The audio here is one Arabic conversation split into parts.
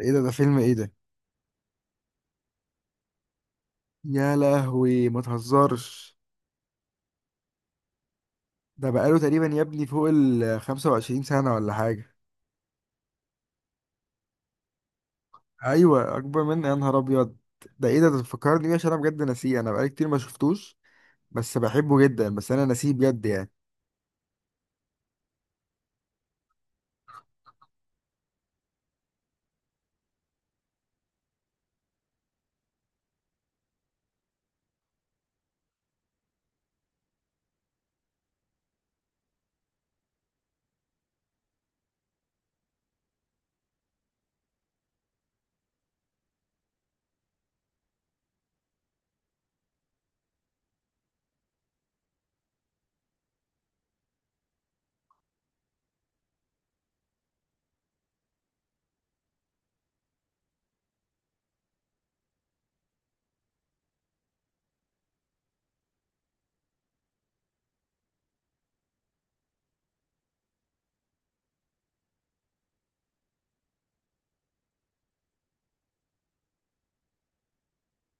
ايه ده؟ ده فيلم ايه ده؟ يا لهوي، ما تهزرش. ده بقاله تقريبا يا ابني فوق ال 25 سنة ولا حاجة. ايوه، اكبر مني، يا نهار ابيض. ده ايه ده؟ ده فكرني بيه، عشان انا بجد ناسيه. انا بقالي كتير ما شفتوش بس بحبه جدا، بس انا ناسيه بجد يعني.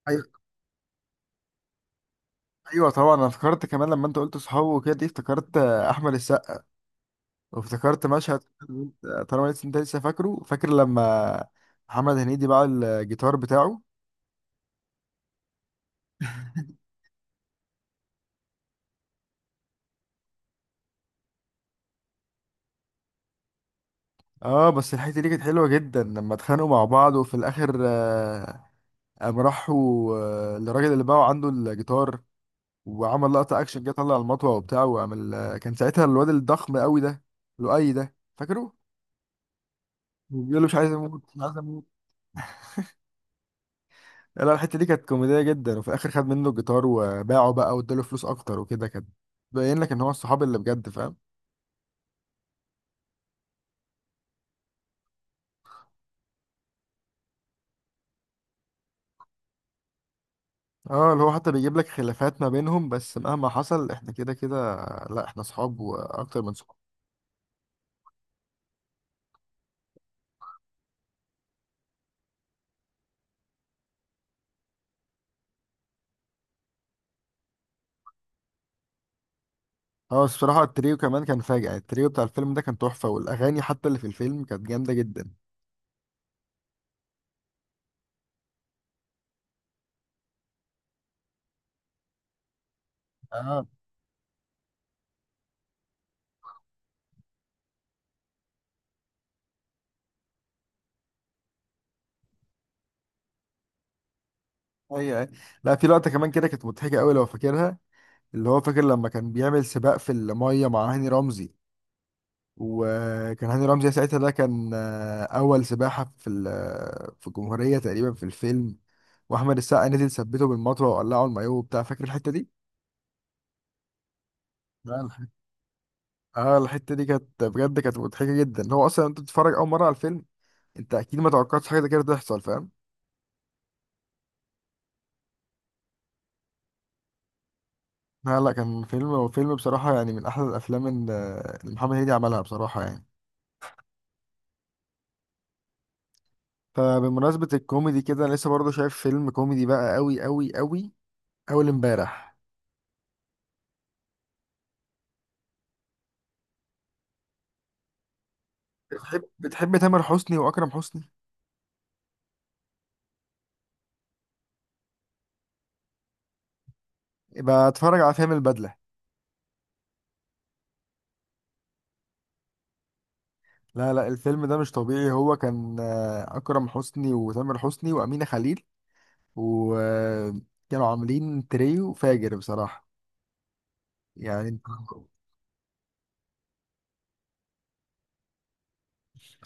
ايوه، ايوه طبعا. انا افتكرت كمان لما انت قلت صحابه وكده، دي افتكرت احمد السقا. وافتكرت مشهد، قلت، طالما لسه انت لسه فاكر لما محمد هنيدي باع الجيتار بتاعه. اه بس الحته دي كانت حلوه جدا لما اتخانقوا مع بعض وفي الاخر، قام راحوا، للراجل اللي باعه عنده الجيتار. وعمل لقطه اكشن، جه طلع المطوه وبتاع وعمل، كان ساعتها الواد الضخم قوي ده، لؤي ده فاكره؟ بيقول له مش عايز اموت، مش عايز اموت. لا لا، الحته دي كانت كوميديه جدا، وفي الاخر خد منه الجيتار وباعه بقى واداله فلوس اكتر وكده. كان باين لك ان هو الصحاب اللي بجد فاهم. اه، اللي هو حتى بيجيب لك خلافات ما بينهم، بس مهما حصل احنا كده كده، لا احنا صحاب واكتر من صحاب. اه، بس بصراحة التريو كمان كان فاجع، التريو بتاع الفيلم ده كان تحفة، والأغاني حتى اللي في الفيلم كانت جامدة جدا. اه. ايوه، ايوه. لا، في لقطة كمان كده كانت مضحكة قوي لو فاكرها، اللي هو فاكر لما كان بيعمل سباق في المية مع هاني رمزي؟ وكان هاني رمزي ساعتها ده كان، أول سباحة في الجمهورية تقريبا في الفيلم. وأحمد السقا نزل ثبته بالمطوة وقلعه المايوه وبتاع، فاكر الحتة دي؟ لا الحاجة، اه، الحتة دي كانت بجد كانت مضحكة جدا. هو أصلا أنت بتتفرج أول مرة على الفيلم، أنت أكيد ما توقعتش حاجة زي كده تحصل، فاهم؟ لا لا، كان فيلم وفيلم بصراحة، يعني من أحلى الأفلام اللي محمد هنيدي عملها بصراحة يعني. فبمناسبة الكوميدي كده، لسه برضه شايف فيلم كوميدي بقى أوي أوي أوي، أول امبارح. بتحب تامر حسني وأكرم حسني؟ يبقى اتفرج على فيلم البدلة. لا لا، الفيلم ده مش طبيعي، هو كان، أكرم حسني وتامر حسني وأمينة خليل، وكانوا عاملين تريو فاجر بصراحة يعني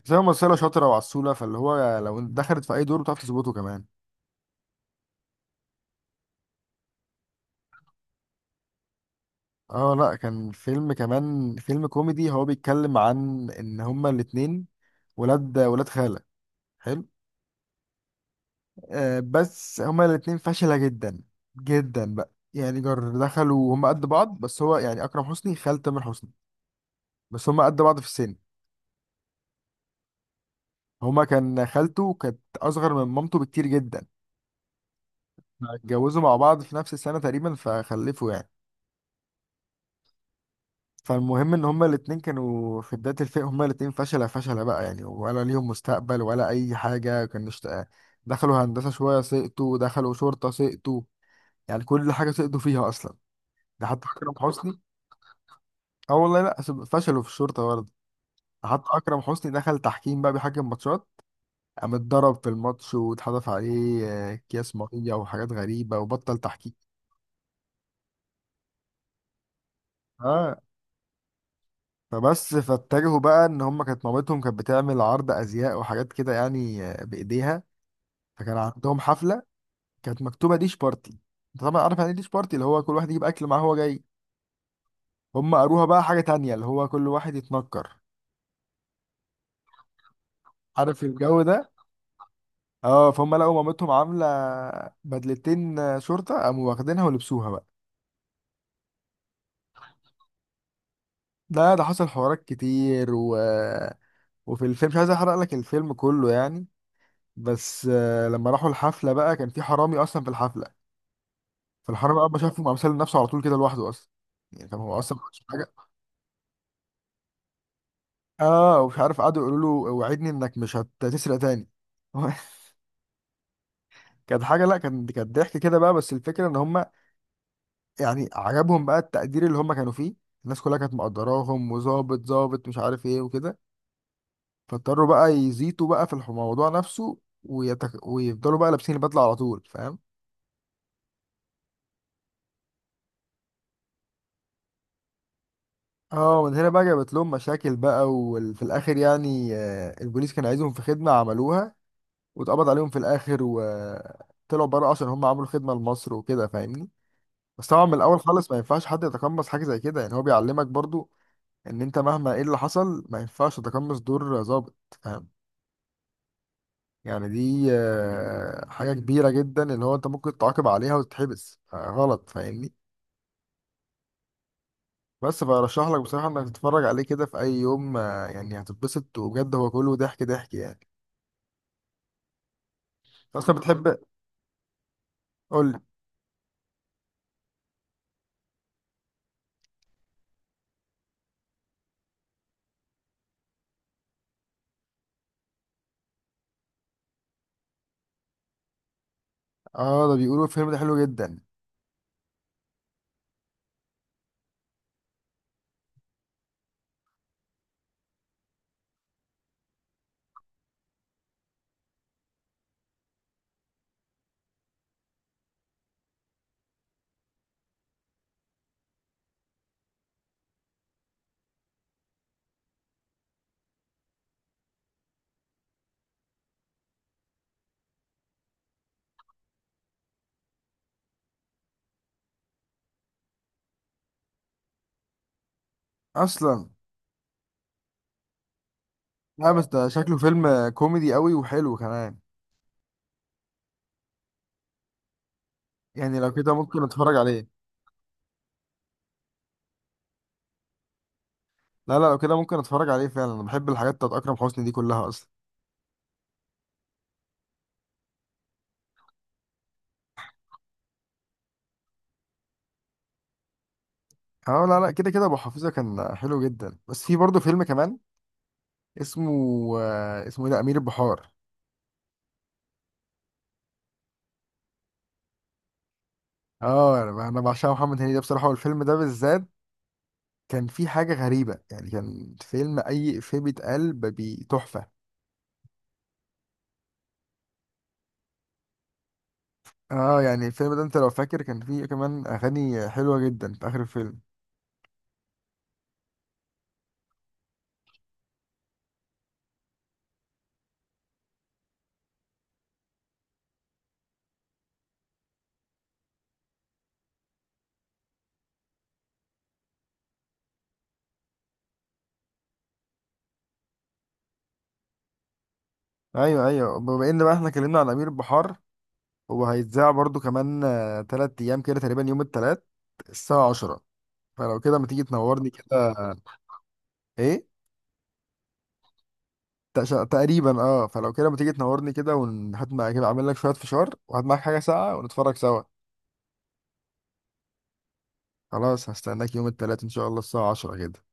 زي ممثلة شاطرة وعسولة، فاللي هو لو دخلت في أي دور بتعرف تظبطه كمان. اه، لا كان فيلم كمان، فيلم كوميدي. هو بيتكلم عن ان هما الاتنين ولاد خالة. حلو. آه بس هما الاتنين فاشلة جدا جدا بقى، يعني جر دخلوا هما قد بعض، بس هو يعني اكرم حسني خال تامر حسني، بس هما قد بعض في السن. هما كان خالته كانت اصغر من مامته بكتير جدا، اتجوزوا مع بعض في نفس السنة تقريبا فخلفوا يعني. فالمهم ان هما الاتنين كانوا في بداية الفئة، هما الاتنين فشلة فشلة بقى يعني، ولا ليهم مستقبل ولا اي حاجة. كانوا دخلوا هندسة شوية سقطوا، دخلوا شرطة سقطوا، يعني كل حاجة سقطوا فيها اصلا. ده حتى اكرم حسني، اه والله لا فشلوا في الشرطة برضه. ده حتى اكرم حسني دخل تحكيم بقى، بيحكم ماتشات، قام اتضرب في الماتش واتحدف عليه، اكياس ميه وحاجات غريبة، وبطل تحكيم. اه فبس فاتجهوا بقى ان هما، كانت مامتهم كانت بتعمل عرض ازياء وحاجات كده يعني، بايديها. فكان عندهم حفله كانت مكتوبه ديش بارتي. انت طبعا عارف يعني ايه ديش بارتي، اللي هو كل واحد يجيب اكل معاه هو جاي. هم قروها بقى حاجه تانية، اللي هو كل واحد يتنكر. عارف الجو ده؟ اه، فهم لقوا مامتهم عامله بدلتين شرطه، قاموا واخدينها ولبسوها بقى. ده حصل حوارات كتير، و... وفي الفيلم مش عايز احرق لك الفيلم كله يعني. بس، لما راحوا الحفله بقى كان في حرامي اصلا في الحفله، فالحرامي اول ما شافه قام سلم نفسه على طول كده لوحده اصلا، يعني كان هو اصلا ما عملش حاجة. اه، ومش عارف قعدوا يقولوا له: وعدني انك مش هتسرق تاني. كانت حاجه، لا كان، كانت ضحك كده بقى، بس الفكره ان هم يعني عجبهم بقى التقدير اللي هم كانوا فيه. الناس كلها كانت مقدراهم، وظابط ظابط مش عارف ايه وكده، فاضطروا بقى يزيطوا بقى في الموضوع نفسه، ويفضلوا بقى لابسين البدله على طول، فاهم؟ اه، ومن هنا بقى جابت لهم مشاكل بقى، وفي الاخر يعني، البوليس كان عايزهم في خدمه عملوها، واتقبض عليهم في الاخر وطلعوا بره عشان هم عملوا خدمه لمصر وكده، فاهمني؟ بس طبعا من الاول خالص ما ينفعش حد يتقمص حاجه زي كده، يعني هو بيعلمك برضو ان انت مهما ايه اللي حصل ما ينفعش تتقمص دور ظابط، فاهم؟ يعني دي، حاجه كبيره جدا، اللي هو انت ممكن تعاقب عليها وتتحبس، غلط، فاهمني؟ بس برشح لك بصراحه انك تتفرج عليه كده في اي يوم، يعني هتتبسط وبجد هو كله ضحك ضحك يعني. أنت اصلا بتحب، قول لي. اه، ده بيقولوا الفيلم ده حلو جدا اصلا. لا بس ده شكله فيلم كوميدي قوي وحلو كمان، يعني لو كده ممكن اتفرج عليه. لا لا، لو كده ممكن اتفرج عليه فعلا، انا بحب الحاجات بتاعت اكرم حسني دي كلها اصلا. اه لا لا، كده كده ابو حفيظه كان حلو جدا، بس في برضه فيلم كمان اسمه، اسمه ايه ده، امير البحار. اه، انا بعشق محمد هنيدي ده بصراحه، والفيلم ده بالذات كان فيه حاجه غريبه يعني. كان فيلم اي افيه بيتقال تحفه. اه يعني الفيلم ده، انت لو فاكر كان فيه كمان اغاني حلوه جدا في اخر الفيلم. ايوه، ايوه. بما ان بقى احنا اتكلمنا عن امير البحار، هو هيتذاع برضه كمان، 3 ايام كده تقريبا، يوم التلات الساعة 10، فلو كده ما تيجي تنورني كده؟ ايه، تقريبا اه، فلو كده ما تيجي تنورني كده، ونحط معاك كده، اعمل لك شويه فشار وهات معاك حاجه ساقعه ونتفرج سوا. خلاص هستناك يوم الثلاث ان شاء الله الساعه 10 كده.